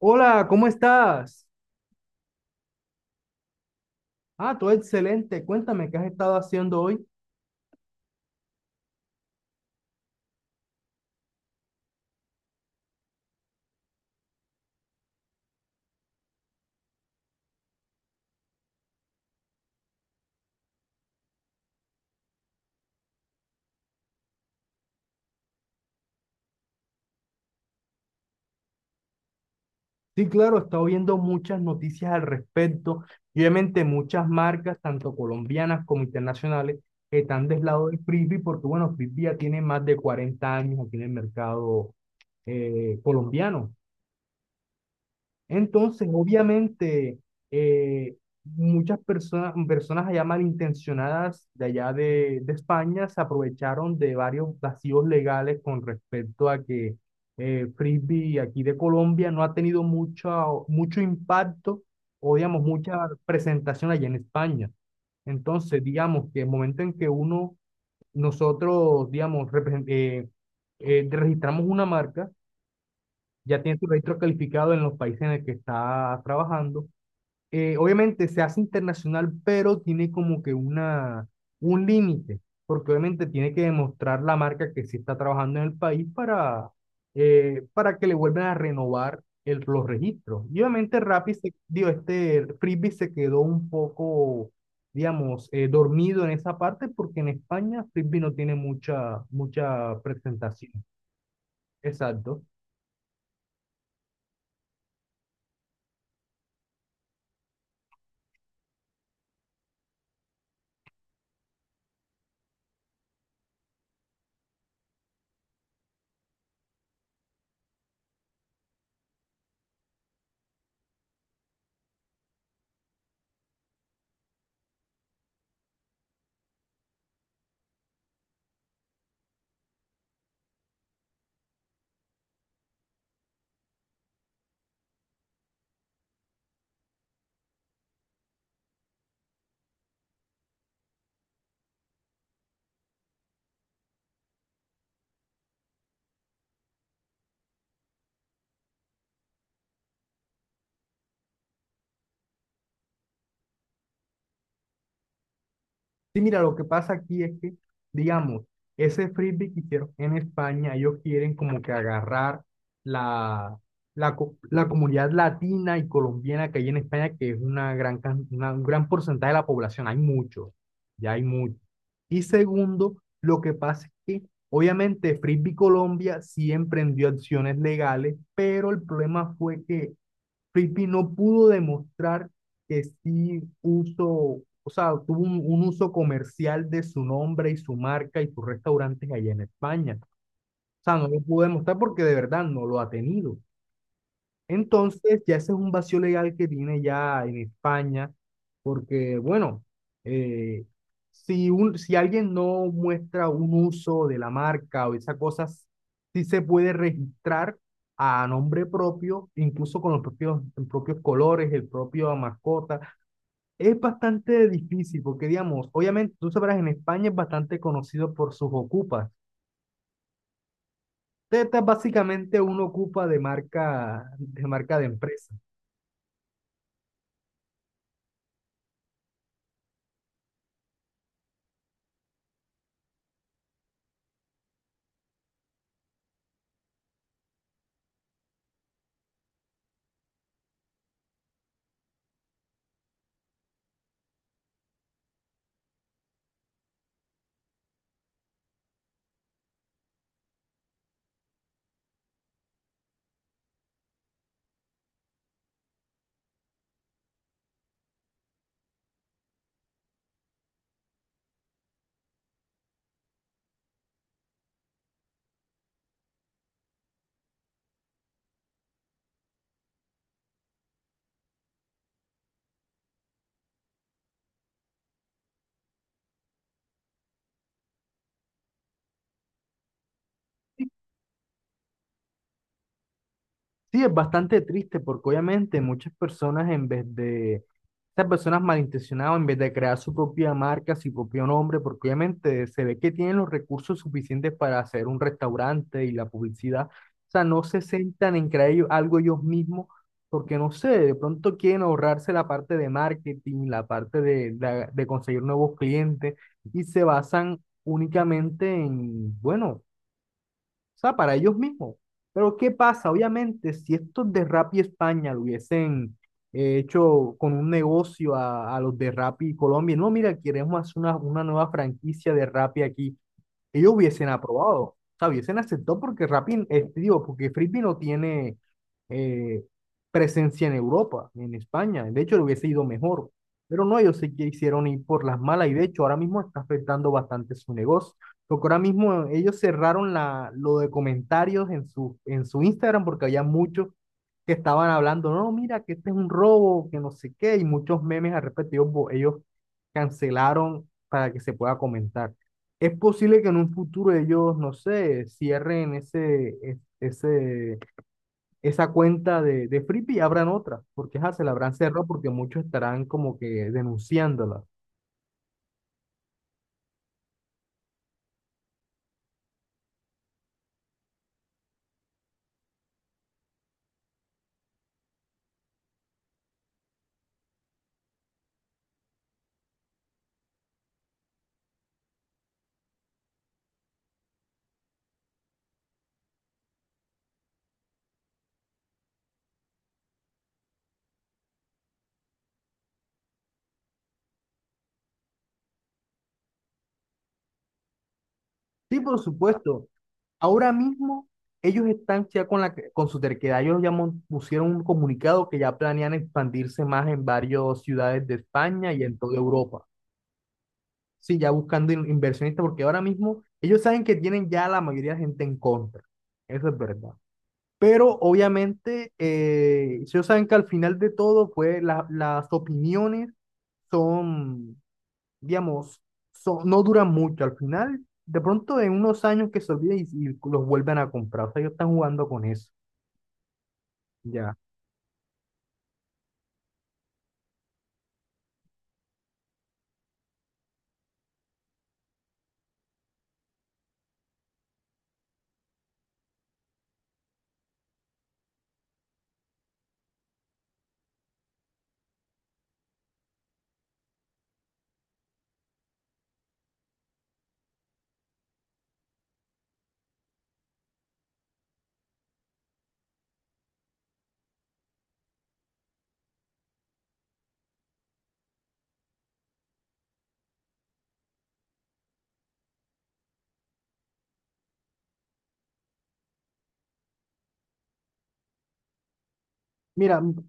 Hola, ¿cómo estás? Ah, todo excelente. Cuéntame, ¿qué has estado haciendo hoy? Sí, claro, he estado viendo muchas noticias al respecto. Y obviamente muchas marcas, tanto colombianas como internacionales, están del lado del frisbee porque, bueno, frisbee ya tiene más de 40 años aquí en el mercado colombiano. Entonces, obviamente, eh, muchas personas, personas allá malintencionadas de allá de España se aprovecharon de varios vacíos legales con respecto a que Frisbee aquí de Colombia no ha tenido mucho impacto o, digamos, mucha presentación allá en España. Entonces, digamos que el momento en que uno, nosotros, digamos, registramos una marca, ya tiene tu registro calificado en los países en el que está trabajando. Obviamente se hace internacional, pero tiene como que un límite, porque obviamente tiene que demostrar la marca que sí está trabajando en el país para que le vuelvan a renovar los registros. Y obviamente Rappi, se, digo, este Frisbee se quedó un poco, digamos, dormido en esa parte, porque en España Frisbee no tiene mucha presentación. Exacto. Sí, mira, lo que pasa aquí es que, digamos, ese frisbee que hicieron en España, ellos quieren como que agarrar la, la comunidad latina y colombiana que hay en España, que es una un gran porcentaje de la población, hay muchos, ya hay muchos. Y segundo, lo que pasa es que, obviamente, Frisbee Colombia sí emprendió acciones legales, pero el problema fue que Frisbee no pudo demostrar que sí uso, o sea, tuvo un uso comercial de su nombre y su marca y sus restaurantes allá en España. O sea, no lo pudo demostrar porque de verdad no lo ha tenido. Entonces, ya ese es un vacío legal que tiene ya en España, porque, bueno, eh, si, un, si alguien no muestra un uso de la marca o esas cosas, sí se puede registrar a nombre propio, incluso con los propios colores, el propio mascota. Es bastante difícil, porque, digamos, obviamente, tú sabrás, en España es bastante conocido por sus ocupas. Teta es básicamente un ocupa de marca, de marca de empresa. Sí, es bastante triste porque obviamente muchas personas en vez de, estas personas malintencionadas, en vez de crear su propia marca, su propio nombre, porque obviamente se ve que tienen los recursos suficientes para hacer un restaurante y la publicidad, o sea, no se sentan en crear ellos- algo ellos mismos, porque no sé, de pronto quieren ahorrarse la parte de marketing, la parte de, de conseguir nuevos clientes y se basan únicamente en, bueno. O sea, para ellos mismos. Pero ¿qué pasa? Obviamente, si estos de Rappi España lo hubiesen hecho con un negocio a los de Rappi Colombia, no, mira, queremos hacer una nueva franquicia de Rappi aquí ellos hubiesen aprobado, o sea, hubiesen aceptado porque Rappi, digo, porque Frisbee no tiene eh, presencia en Europa, ni en España, de hecho le hubiese ido mejor, pero no, ellos se quisieron ir por las malas y de hecho ahora mismo está afectando bastante su negocio, porque ahora mismo ellos cerraron la, lo de comentarios en su Instagram porque había muchos que estaban hablando, no, mira, que este es un robo, que no sé qué, y muchos memes al respecto, ellos cancelaron para que se pueda comentar. Es posible que en un futuro ellos, no sé, cierren ese, esa cuenta de Flippy y abran otra, porque ajá, se la habrán cerrado porque muchos estarán como que denunciándola. Sí, por supuesto. Ahora mismo ellos están ya con, la, con su terquedad. Ellos ya mon- pusieron un comunicado que ya planean expandirse más en varias ciudades de España y en toda Europa. Sí, ya buscando in- inversionistas, porque ahora mismo ellos saben que tienen ya la mayoría de gente en contra. Eso es verdad. Pero obviamente, ellos saben que al final de todo, pues la- las opiniones son, digamos, son, no duran mucho. Al final, de pronto en unos años que se olviden y los vuelven a comprar. O sea, ellos están jugando con eso. Ya. Mira, m-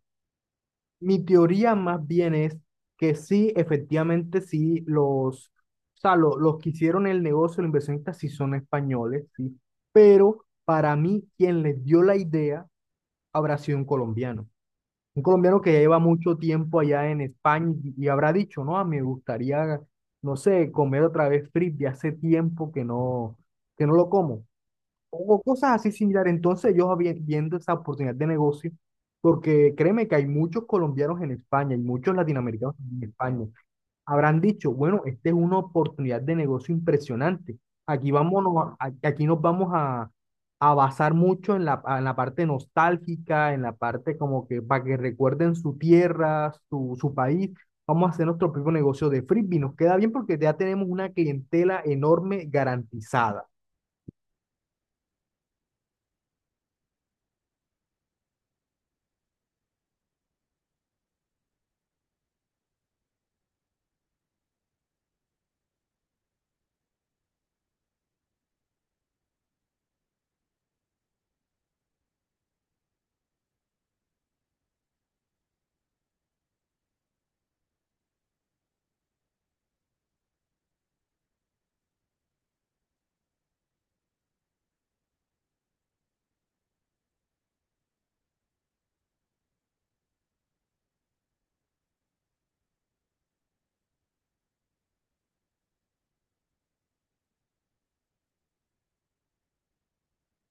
mi teoría más bien es que sí, efectivamente, sí, los, o sea, lo- los que hicieron el negocio, los inversionistas, sí son españoles, sí. Pero para mí, quien les dio la idea habrá sido un colombiano. Un colombiano que ya lleva mucho tiempo allá en España y habrá dicho, no, ah, me gustaría, no sé, comer otra vez frisbee, hace tiempo que no lo como. O cosas así similares. Entonces yo vi- viendo esa oportunidad de negocio, porque créeme que hay muchos colombianos en España y muchos latinoamericanos en España. Habrán dicho, bueno, esta es una oportunidad de negocio impresionante. Aquí vámonos, a- aquí nos vamos a basar mucho en la parte nostálgica, en la parte como que para que recuerden su tierra, su país. Vamos a hacer nuestro propio negocio de frisbee. Nos queda bien porque ya tenemos una clientela enorme garantizada.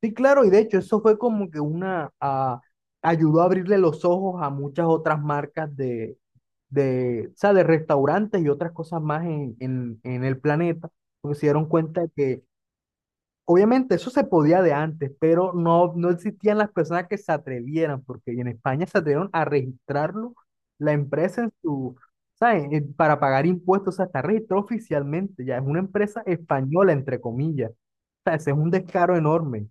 Sí, claro, y de hecho eso fue como que una, ah, ayudó a abrirle los ojos a muchas otras marcas de, o sea, de restaurantes y otras cosas más en el planeta, porque se dieron cuenta de que obviamente eso se podía de antes, pero no, no existían las personas que se atrevieran, porque en España se atrevieron a registrarlo, la empresa en su, ¿saben? Para pagar impuestos, o sea, está registrado oficialmente, ya es una empresa española, entre comillas, o sea, ese es un descaro enorme.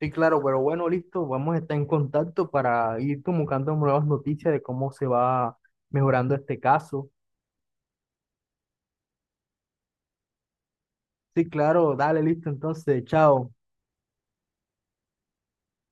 Sí, claro, pero bueno, listo, vamos a estar en contacto para ir comunicando nuevas noticias de cómo se va mejorando este caso. Sí, claro, dale, listo, entonces, chao.